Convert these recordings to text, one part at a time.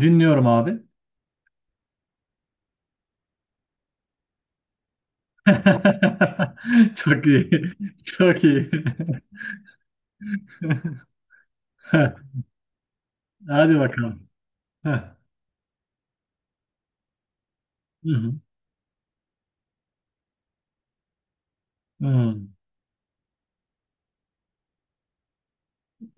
Dinliyorum abi. Çok iyi. Çok iyi. Hadi bakalım. Heh. Hı hı. Hı.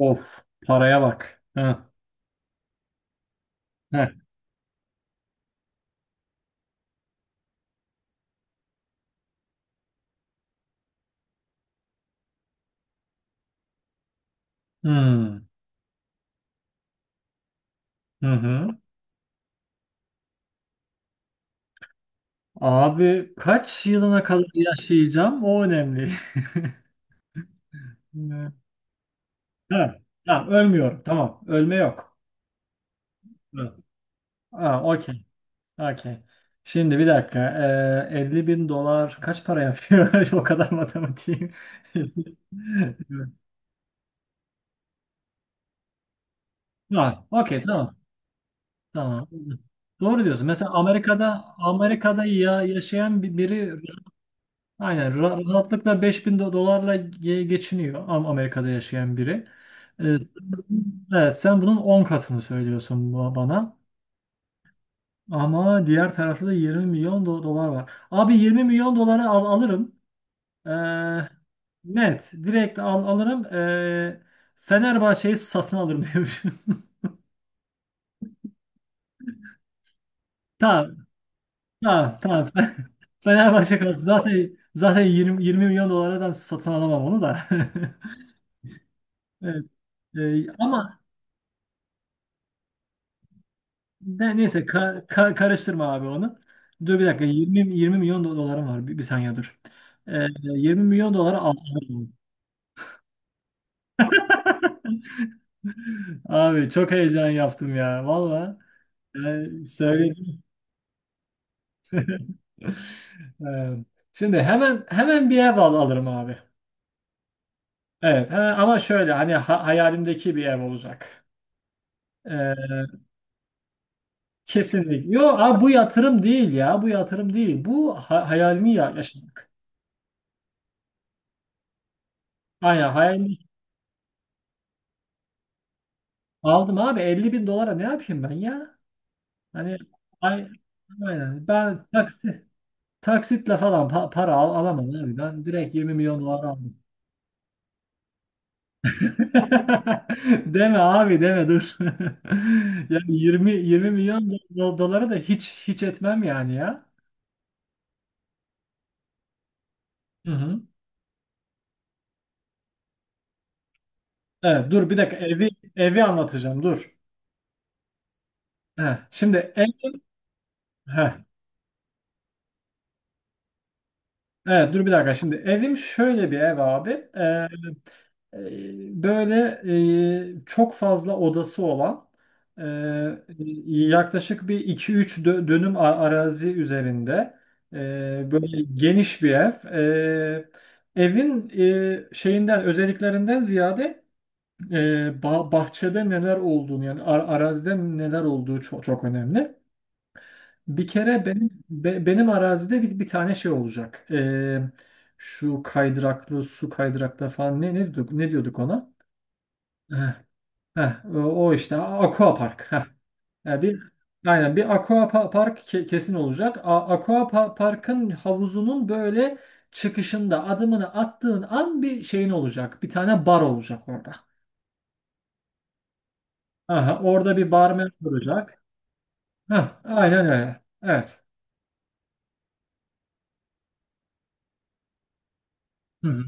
Of, paraya bak. Heh. Heh. Hı. Hı hı. Abi kaç yılına kadar yaşayacağım? O önemli. Hı. Ha, tamam, ölmüyorum. Tamam, ölme yok. Hı. Ha, okey. Okey. Şimdi bir dakika. 50 bin dolar kaç para yapıyor? O kadar matematiğim. Var. Okey, tamam. Tamam. Doğru diyorsun. Mesela Amerika'da yaşayan biri aynen rahatlıkla 5.000 dolarla geçiniyor Amerika'da yaşayan biri. Ee, evet, sen bunun 10 katını söylüyorsun bana. Ama diğer tarafta da 20 milyon dolar var. Abi 20 milyon doları alırım. Ee, net. Direkt alırım. Fenerbahçe'yi satın alırım diyorum. Ha, tamam. Sen, Fenerbahçe kaldı. Zaten 20 milyon dolara satın alamam onu da. Evet. Ama neyse karıştırma abi onu. Dur bir dakika, 20 milyon dolarım var. Bir saniye dur. 20 milyon dolara aldım. Abi, çok heyecan yaptım ya valla. Söyledim. Ee, şimdi hemen hemen bir ev alırım abi. Evet, ama şöyle hani hayalimdeki bir ev olacak. Ee, Kesinlikle. Yok abi, bu yatırım değil ya. Bu yatırım değil. Bu hayalini yaşamak. Aynen, hayalini aldım abi. 50 bin dolara ne yapayım ben ya? Hani ay, aynen. Ben taksitle falan para alamam abi. Ben direkt 20 milyon dolara aldım. Deme abi, deme, dur. Yani yirmi milyon doları da hiç etmem yani ya. Hı hı. Evet, dur bir dakika evi anlatacağım, dur. Heh, şimdi ev. Heh. Evet, dur bir dakika, şimdi evim şöyle bir ev abi. Ee, böyle çok fazla odası olan, e, yaklaşık bir iki üç dönüm arazi üzerinde, e, böyle geniş bir ev. E, evin şeyinden, özelliklerinden ziyade, e, bahçede neler olduğunu, yani arazide neler olduğu çok, çok önemli. Bir kere benim benim arazide bir tane şey olacak. Şu kaydıraklı su kaydıraklı falan ne diyorduk ona? Heh, heh, o işte aqua park. Heh. Yani aynen bir aqua park kesin olacak. Aqua parkın havuzunun böyle çıkışında adımını attığın an bir şeyin olacak. Bir tane bar olacak orada. Aha, orada bir barmen olacak. Heh, aynen öyle. Evet. Hı hı,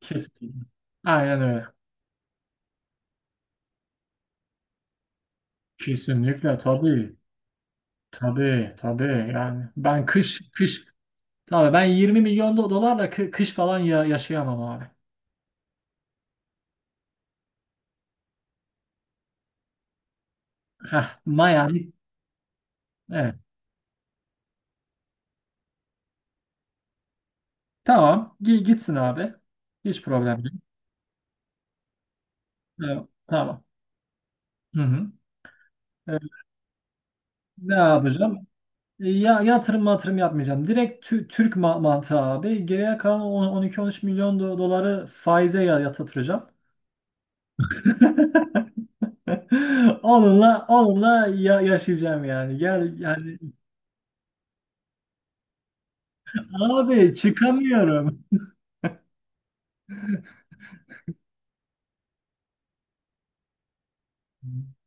kesin. Aynen öyle. Kesinlikle, tabii. Tabii, tabii, yani ben kış kış tabii ben 20 milyon dolarla kış falan ya yaşayamam abi. Heh, Miami. Evet. Tamam. Gitsin abi. Hiç problem değil. Evet, tamam. Hı hı. Ee, ne yapacağım? Ya yatırım matırım yapmayacağım. Direkt Türk mantığı abi. Geriye kalan 12-13 milyon doları faize yatıracağım. Onunla yaşayacağım yani. Gel yani abi, çıkamıyorum. Ee,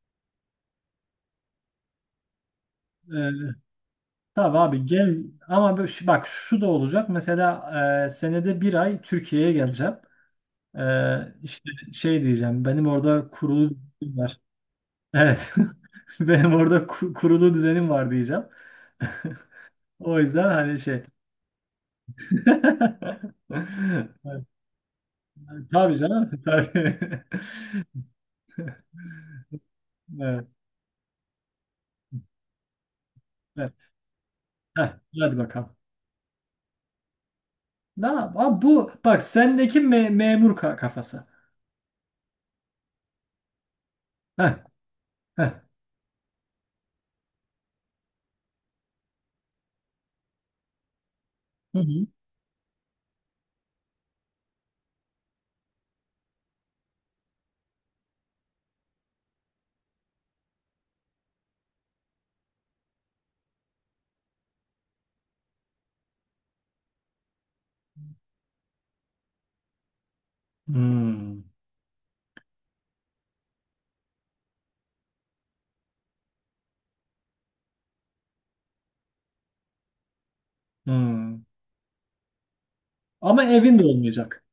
tabii abi, gel ama bak şu da olacak mesela, senede bir ay Türkiye'ye geleceğim. İşte şey diyeceğim, benim orada kurulu düzenim var. Evet, benim orada kurulu düzenim var diyeceğim. O yüzden hani şey. Evet, tabii canım, tabii. Evet, evet. Heh, hadi bakalım. Abi, bu bak, sendeki memur kafası. Heh, heh. Hı hı. Hmm, hmm. Ama evin de olmayacak.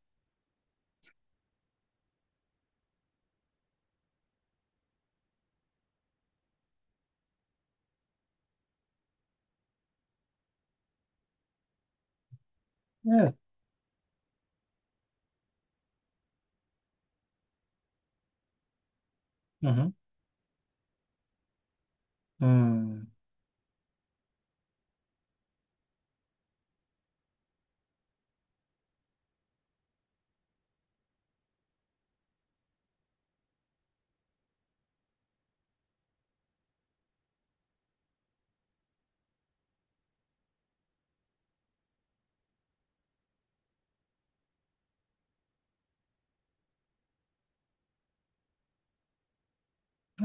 Evet. Hı hı. Hmm.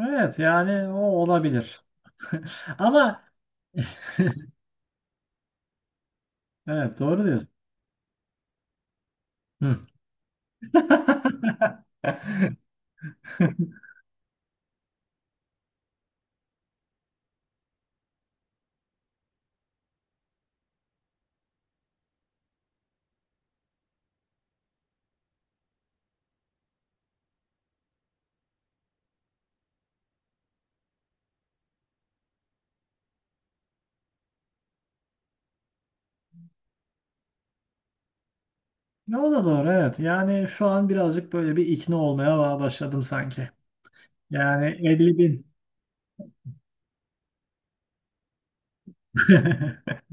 Evet, yani o olabilir. Ama evet, doğru diyorsun. Hı. Ne, o da doğru, evet. Yani şu an birazcık böyle bir ikna olmaya başladım sanki. Yani 50 bin.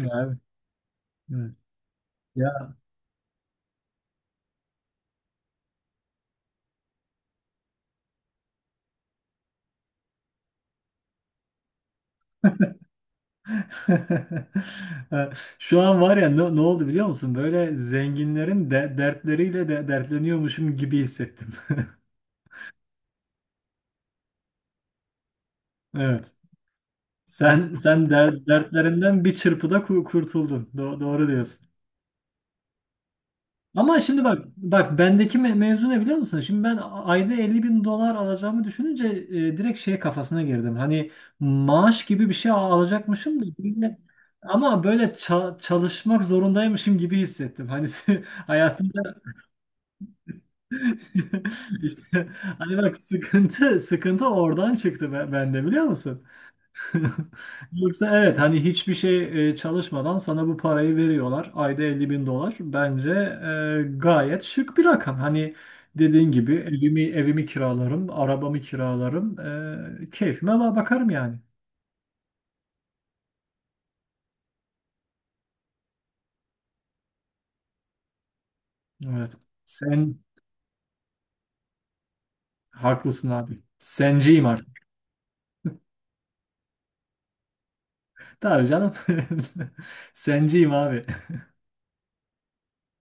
Evet. Evet. Ya. Şu an var ya, ne oldu biliyor musun? Böyle zenginlerin de dertleriyle de dertleniyormuşum gibi hissettim. Evet. Sen dertlerinden bir çırpıda kurtuldun. Doğru diyorsun. Ama şimdi bak bendeki mevzu ne biliyor musun? Şimdi ben ayda 50 bin dolar alacağımı düşününce, direkt şey kafasına girdim. Hani maaş gibi bir şey alacakmışım da böyle- ama böyle çalışmak zorundaymışım gibi hissettim. Hani hayatımda işte hani, bak, sıkıntı oradan çıktı bende biliyor musun? Yoksa evet, hani hiçbir şey, çalışmadan sana bu parayı veriyorlar. Ayda 50 bin dolar. Bence gayet şık bir rakam. Hani dediğin gibi evimi kiralarım, arabamı kiralarım. Keyfime bakarım yani. Evet. Sen haklısın abi. Senciyim artık. Tabii canım. Senciyim abi.